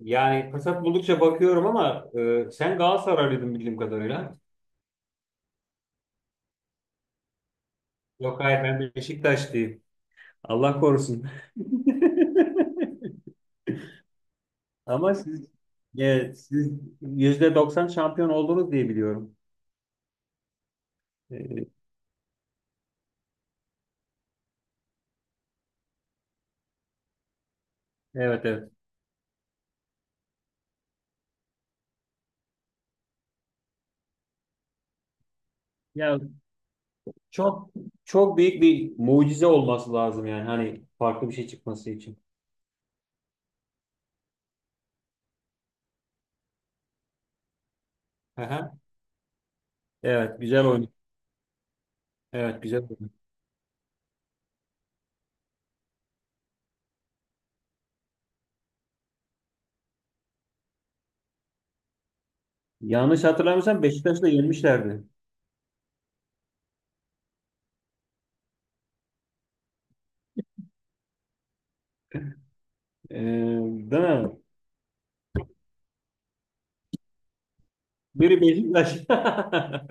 Yani fırsat buldukça bakıyorum ama sen Galatasaraylıydın bildiğim kadarıyla. Yok hayır ben Beşiktaşlıyım. Allah korusun. Ama siz %90 şampiyon oldunuz diye biliyorum. E, evet evet. Ya çok çok büyük bir mucize olması lazım yani hani farklı bir şey çıkması için. Aha. Evet, güzel oyun. Evet, güzel oyun. Yanlış hatırlamıyorsam Beşiktaş'ı da yenmişlerdi. E, değil mi? Biri Beşiktaş.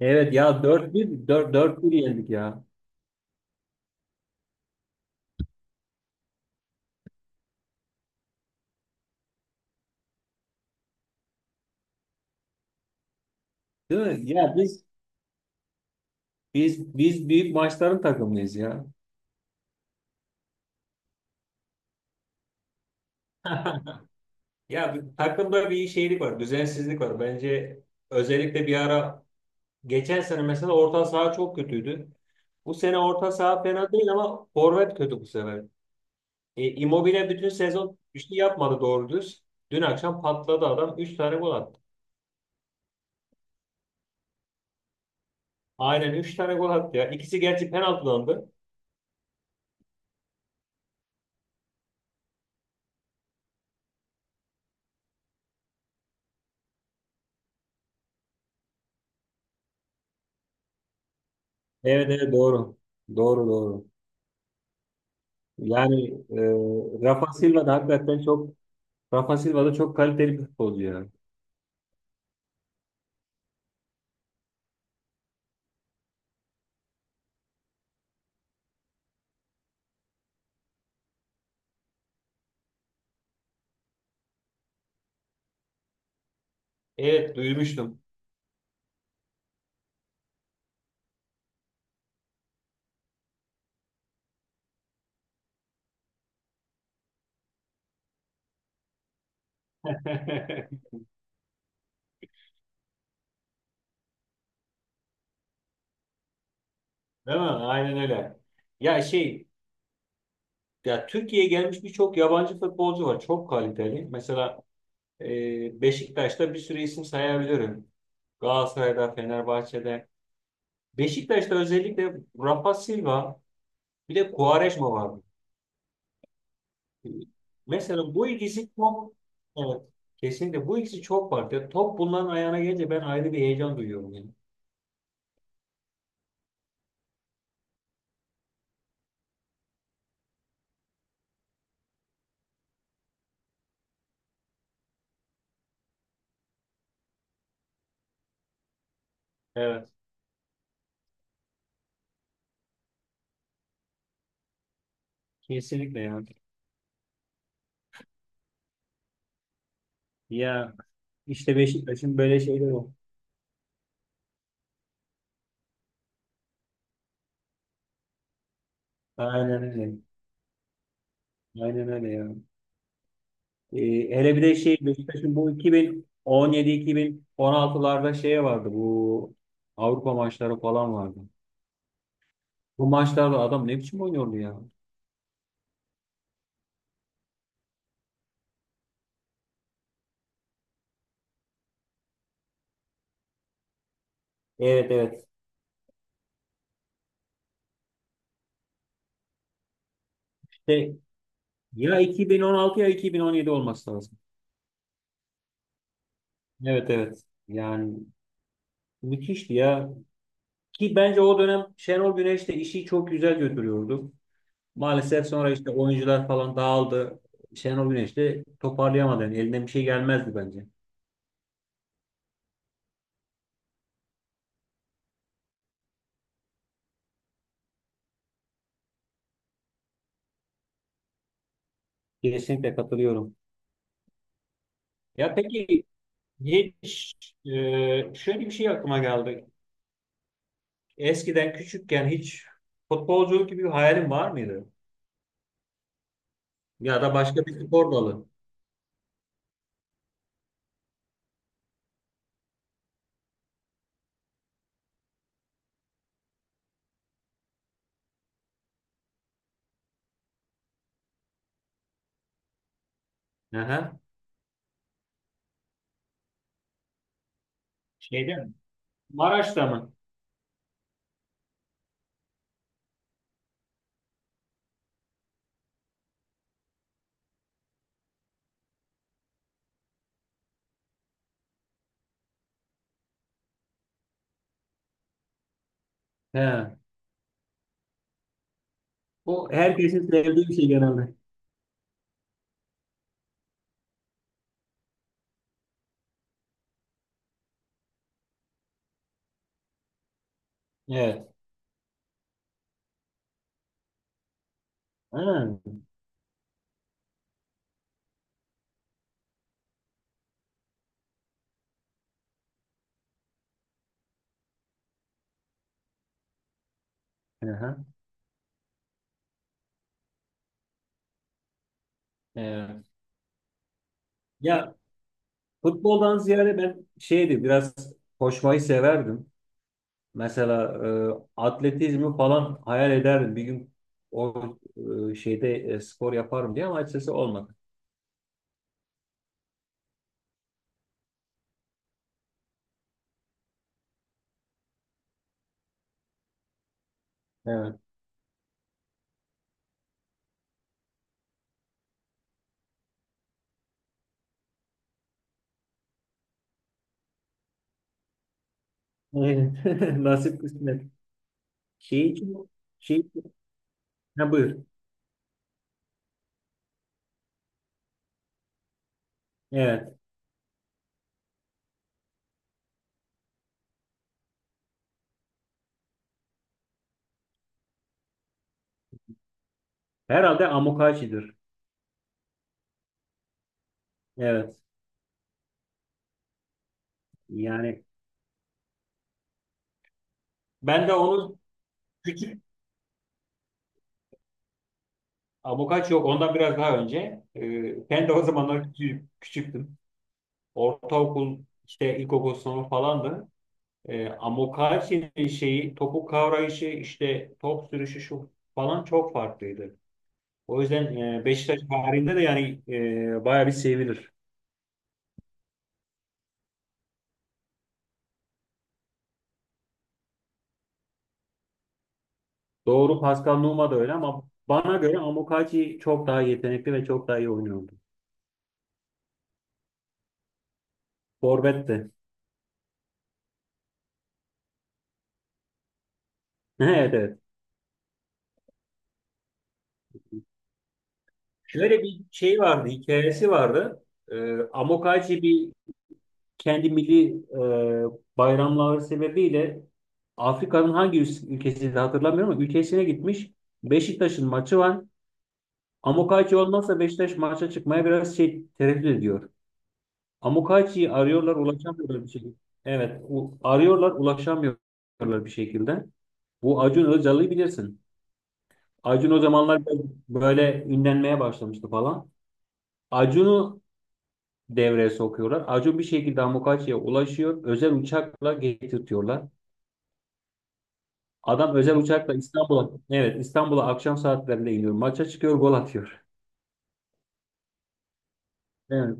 Evet ya 4-1, dört bir yendik ya. Değil mi? Ya biz büyük maçların takımıyız ya. Ya takımda bir şeylik var, düzensizlik var. Bence özellikle bir ara geçen sene mesela orta saha çok kötüydü. Bu sene orta saha fena değil ama forvet kötü bu sefer. Immobile bütün sezon bir şey yapmadı doğru düz. Dün akşam patladı adam 3 tane gol attı. Aynen 3 tane gol attı ya. İkisi gerçi penaltılandı. Evet evet, doğru. Doğru doğru. Yani e, Rafa Silva da hakikaten Rafa Silva da çok kaliteli bir futbolcu ya. Evet, duymuştum. Değil mi? Aynen öyle. Ya şey, ya Türkiye'ye gelmiş birçok yabancı futbolcu var. Çok kaliteli. Mesela Beşiktaş'ta bir sürü isim sayabilirim. Galatasaray'da, Fenerbahçe'de. Beşiktaş'ta özellikle Rafa Silva, bir de Quaresma var. Mesela bu ikisi çok, evet, kesinlikle bu ikisi çok farklı. Top bunların ayağına gelince ben ayrı bir heyecan duyuyorum yani. Evet, kesinlikle ya. Ya işte Beşiktaş'ın böyle şeyleri var. Aynen öyle. Aynen öyle ya. Ee, hele bir de şey, Beşiktaş'ın bu 2017-2016'larda şey vardı, bu Avrupa maçları falan vardı. Bu maçlarda adam ne biçim oynuyordu ya. Evet evet. İşte ya 2016 ya 2017 olması lazım. Evet evet. Yani müthişti ya. Ki bence o dönem Şenol Güneş de işi çok güzel götürüyordu. Maalesef sonra işte oyuncular falan dağıldı. Şenol Güneş de toparlayamadı. Yani elinden bir şey gelmezdi bence. Kesinlikle katılıyorum. Ya peki, hiç şöyle bir şey aklıma geldi. Eskiden küçükken hiç futbolculuk gibi bir hayalin var mıydı? Ya da başka bir spor dalı. Aha. Şeyde mi? Maraş'ta mı? He. O herkesin sevdiği bir şey genelde. Evet. Ha. Aha. Ee, ya futboldan ziyade ben şeydi biraz, koşmayı severdim. Mesela atletizmi falan hayal ederdim. Bir gün o şeyde spor yaparım diye ama açıkçası olmadı. Evet. Aynen. Nasip kısmet. Şey için şey için- ha, buyur. Evet. Herhalde Amokachi'dir. Evet. Yani ben de onu küçük Amokachi yok. Ondan biraz daha önce. Ben de o zamanlar küçük, küçüktüm. Ortaokul işte, ilkokul sınıfı falandı. Amokachi'nin şeyi, topu kavrayışı, işte top sürüşü şu falan çok farklıydı. O yüzden Beşiktaş tarihinde de yani bayağı bir sevilir. Doğru, Pascal Nouma da öyle ama bana göre Amokachi çok daha yetenekli ve çok daha iyi oynuyordu. Forvet de. Evet evet. Şöyle bir şey vardı, hikayesi vardı. E, Amokachi kendi milli bayramları sebebiyle Afrika'nın ülkesiydi hatırlamıyorum ama ülkesine gitmiş. Beşiktaş'ın maçı var. Amokachi olmazsa Beşiktaş maça çıkmaya biraz şey tereddüt ediyor. Amokachi'yi arıyorlar, ulaşamıyorlar bir şekilde. Evet, arıyorlar ulaşamıyorlar bir şekilde. Bu Acun Ilıcalı'yı bilirsin. Acun o zamanlar böyle ünlenmeye başlamıştı falan. Acun'u devreye sokuyorlar. Acun bir şekilde Amokachi'ye ulaşıyor. Özel uçakla getirtiyorlar. Adam özel uçakla İstanbul'a, evet, İstanbul'a akşam saatlerinde iniyor. Maça çıkıyor, gol atıyor. Evet.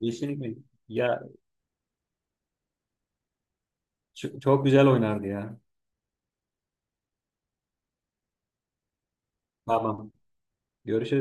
Yeşillik mi? Ya çok güzel oynardı ya. Tamam. Görüşürüz.